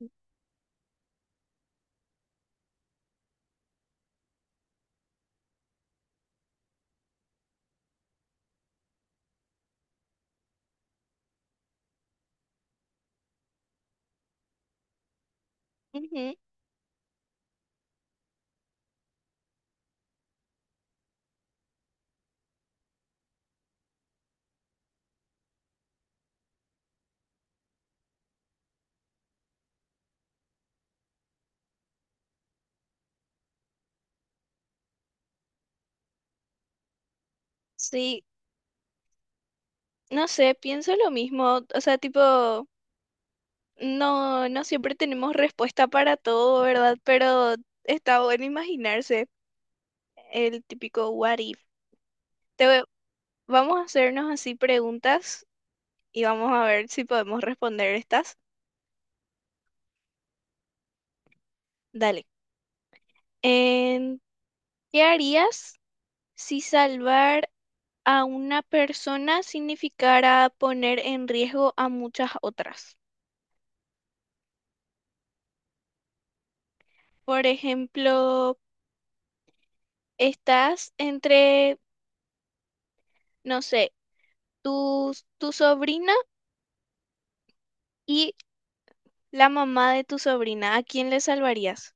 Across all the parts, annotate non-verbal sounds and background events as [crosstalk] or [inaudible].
Ujú, sí, no sé, pienso lo mismo, o sea, tipo, no siempre tenemos respuesta para todo, ¿verdad? Pero está bueno imaginarse el típico what if. Te voy- Vamos a hacernos así preguntas y vamos a ver si podemos responder estas. Dale. ¿Qué harías si salvar a una persona significara poner en riesgo a muchas otras? Por ejemplo, estás entre, no sé, tu, tu sobrina y la mamá de tu sobrina. ¿A quién le salvarías?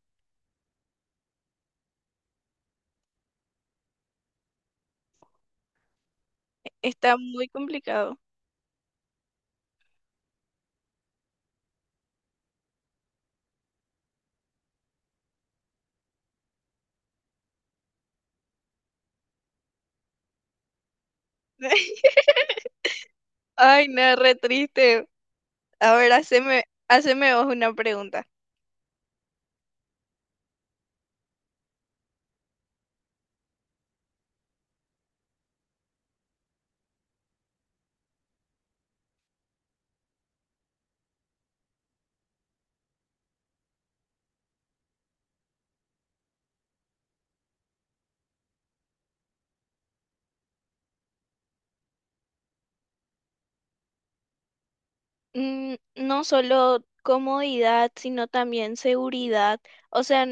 Está muy complicado. [laughs] Ay, no, re triste. A ver, haceme vos una pregunta. Mm, no solo comodidad, sino también seguridad. O sea,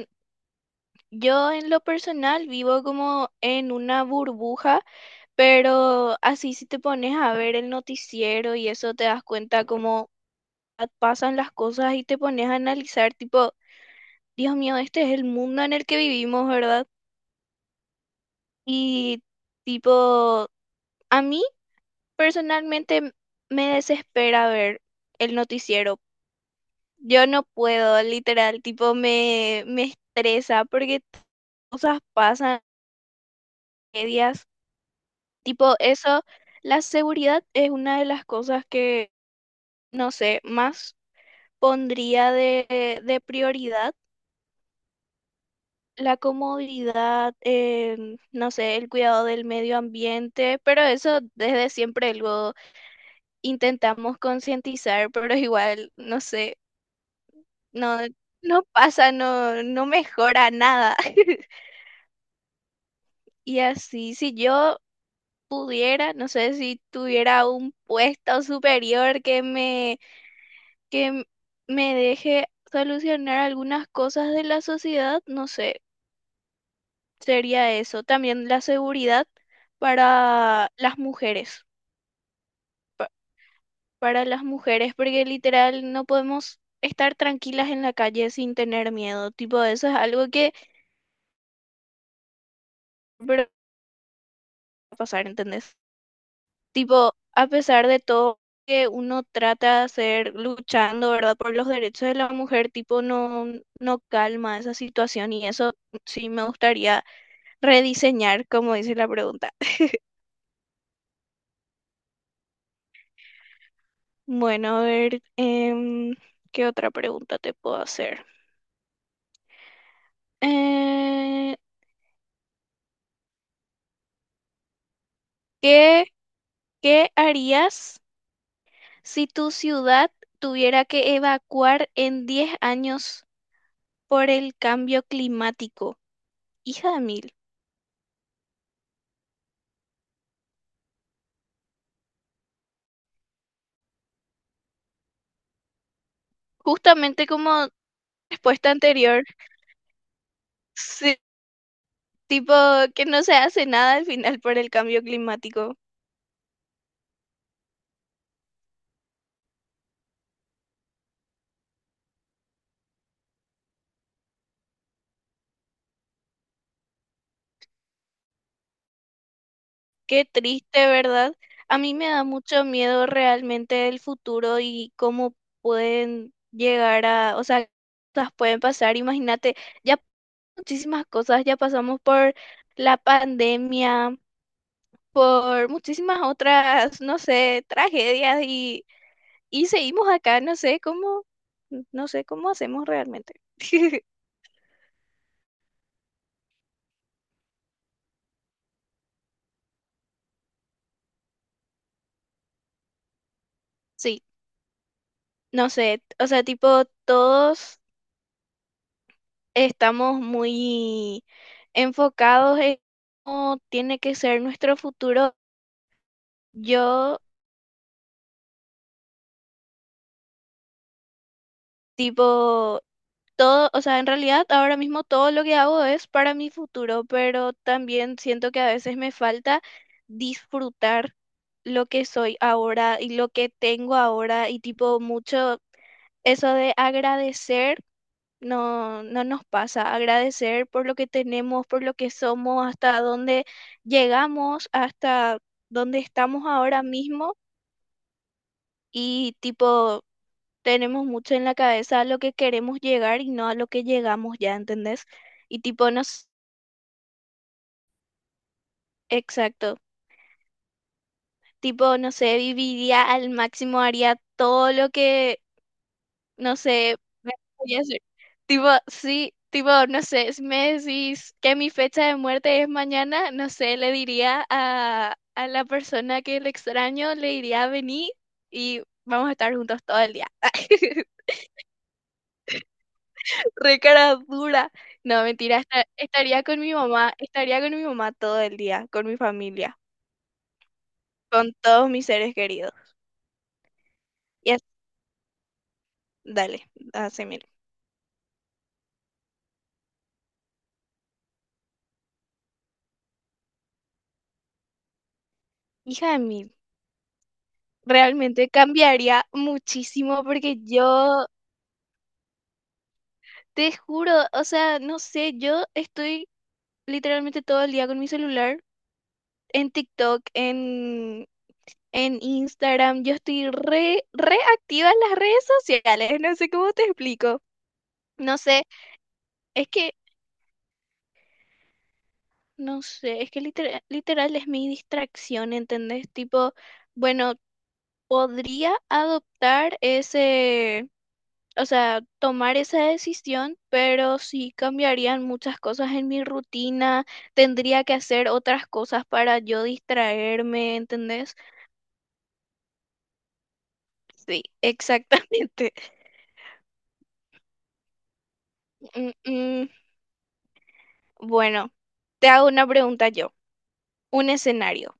yo en lo personal vivo como en una burbuja, pero así si te pones a ver el noticiero y eso te das cuenta cómo pasan las cosas y te pones a analizar tipo, Dios mío, este es el mundo en el que vivimos, ¿verdad? Y tipo, a mí personalmente me desespera ver el noticiero. Yo no puedo, literal, tipo, me estresa porque cosas pasan, tragedias. Tipo, eso, la seguridad es una de las cosas que, no sé, más pondría de prioridad. La comodidad, no sé, el cuidado del medio ambiente, pero eso desde siempre lo intentamos concientizar, pero igual, no sé, no, no mejora nada. [laughs] Y así, si yo pudiera, no sé si tuviera un puesto superior que m- me deje solucionar algunas cosas de la sociedad, no sé, sería eso. También la seguridad para las mujeres, pa- para las mujeres, porque literal no podemos estar tranquilas en la calle sin tener miedo. Tipo, eso es algo que pero va a pasar, ¿entendés? Tipo, a pesar de todo que uno trata de hacer luchando, ¿verdad? Por los derechos de la mujer, tipo, no, no calma esa situación y eso sí me gustaría rediseñar, como dice la pregunta. Bueno, a ver, ¿qué otra pregunta te puedo hacer? Eh, ¿qué, ¿qué harías si tu ciudad tuviera que evacuar en 10 años por el cambio climático? Hija de mil. Justamente como respuesta anterior, sí, tipo que no se hace nada al final por el cambio climático. Qué triste, ¿verdad? A mí me da mucho miedo realmente el futuro y cómo pueden llegar a, o sea, qué cosas pueden pasar. Imagínate, ya muchísimas cosas, ya pasamos por la pandemia, por muchísimas otras, no sé, tragedias y seguimos acá, no sé cómo, no sé cómo hacemos realmente. [laughs] Sí, no sé, o sea, tipo, todos estamos muy enfocados en cómo tiene que ser nuestro futuro. Yo, tipo, todo, o sea, en realidad ahora mismo todo lo que hago es para mi futuro, pero también siento que a veces me falta disfrutar lo que soy ahora y lo que tengo ahora y tipo mucho eso de agradecer. No, no nos pasa agradecer por lo que tenemos, por lo que somos, hasta dónde llegamos, hasta dónde estamos ahora mismo y tipo tenemos mucho en la cabeza a lo que queremos llegar y no a lo que llegamos ya, ¿entendés? Y tipo nos, exacto, tipo no sé, viviría al máximo, haría todo lo que, no sé, me voy a hacer. Tipo, sí, tipo, no sé, si me decís que mi fecha de muerte es mañana, no sé, le diría a la persona que le extraño, le diría vení y vamos a estar juntos todo el día. [laughs] Re cara dura. No, mentira, estaría con mi mamá, estaría con mi mamá todo el día, con mi familia, con todos mis seres queridos. Y as- dale, hace mil. Hija de mil, realmente cambiaría muchísimo porque yo, te juro, o sea, no sé, yo estoy literalmente todo el día con mi celular, en TikTok, en Instagram, yo estoy re activa en las redes sociales, [laughs] no sé cómo te explico. No sé, es que no sé, es que literal, literal es mi distracción, ¿entendés? Tipo, bueno, podría adoptar ese, o sea, tomar esa decisión, pero sí cambiarían muchas cosas en mi rutina, tendría que hacer otras cosas para yo distraerme, ¿entendés? Sí, exactamente. [laughs] Mm, mm, bueno, te hago una pregunta yo, un escenario.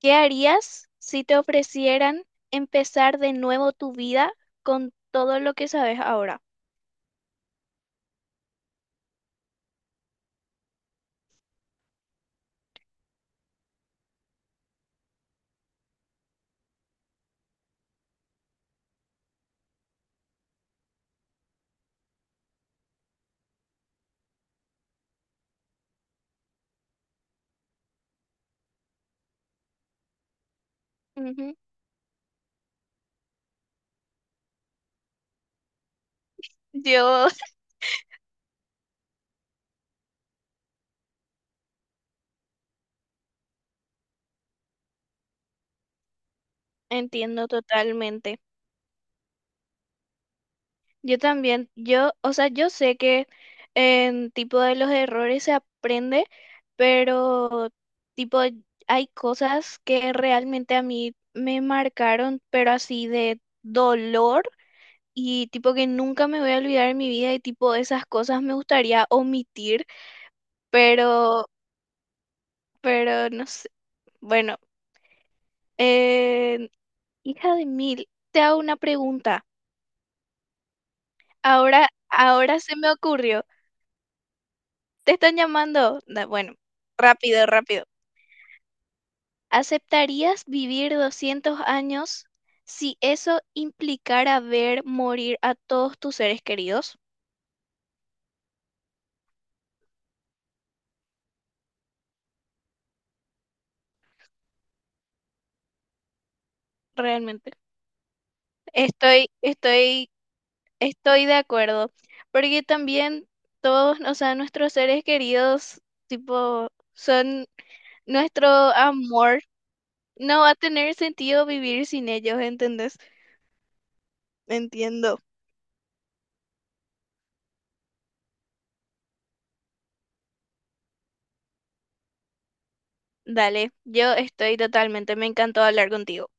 ¿Qué harías si te ofrecieran empezar de nuevo tu vida con todo lo que sabes ahora? Ujú. Yo [laughs] entiendo totalmente. Yo también, yo, o sea, yo sé que en tipo de los errores se aprende, pero tipo hay cosas que realmente a mí me marcaron, pero así de dolor y tipo que nunca me voy a olvidar en mi vida y tipo esas cosas me gustaría omitir, pero pero no sé. Bueno, eh, hija de mil, te hago una pregunta. Ahora se me ocurrió. Te están llamando. Bueno, rápido, rápido. ¿Aceptarías vivir 200 años si eso implicara ver morir a todos tus seres queridos? Realmente. Estoy, estoy, estoy de acuerdo. Porque también todos, o sea, nuestros seres queridos, tipo, son nuestro amor. No va a tener sentido vivir sin ellos, ¿entendés? Entiendo. Dale, yo estoy totalmente, me encantó hablar contigo.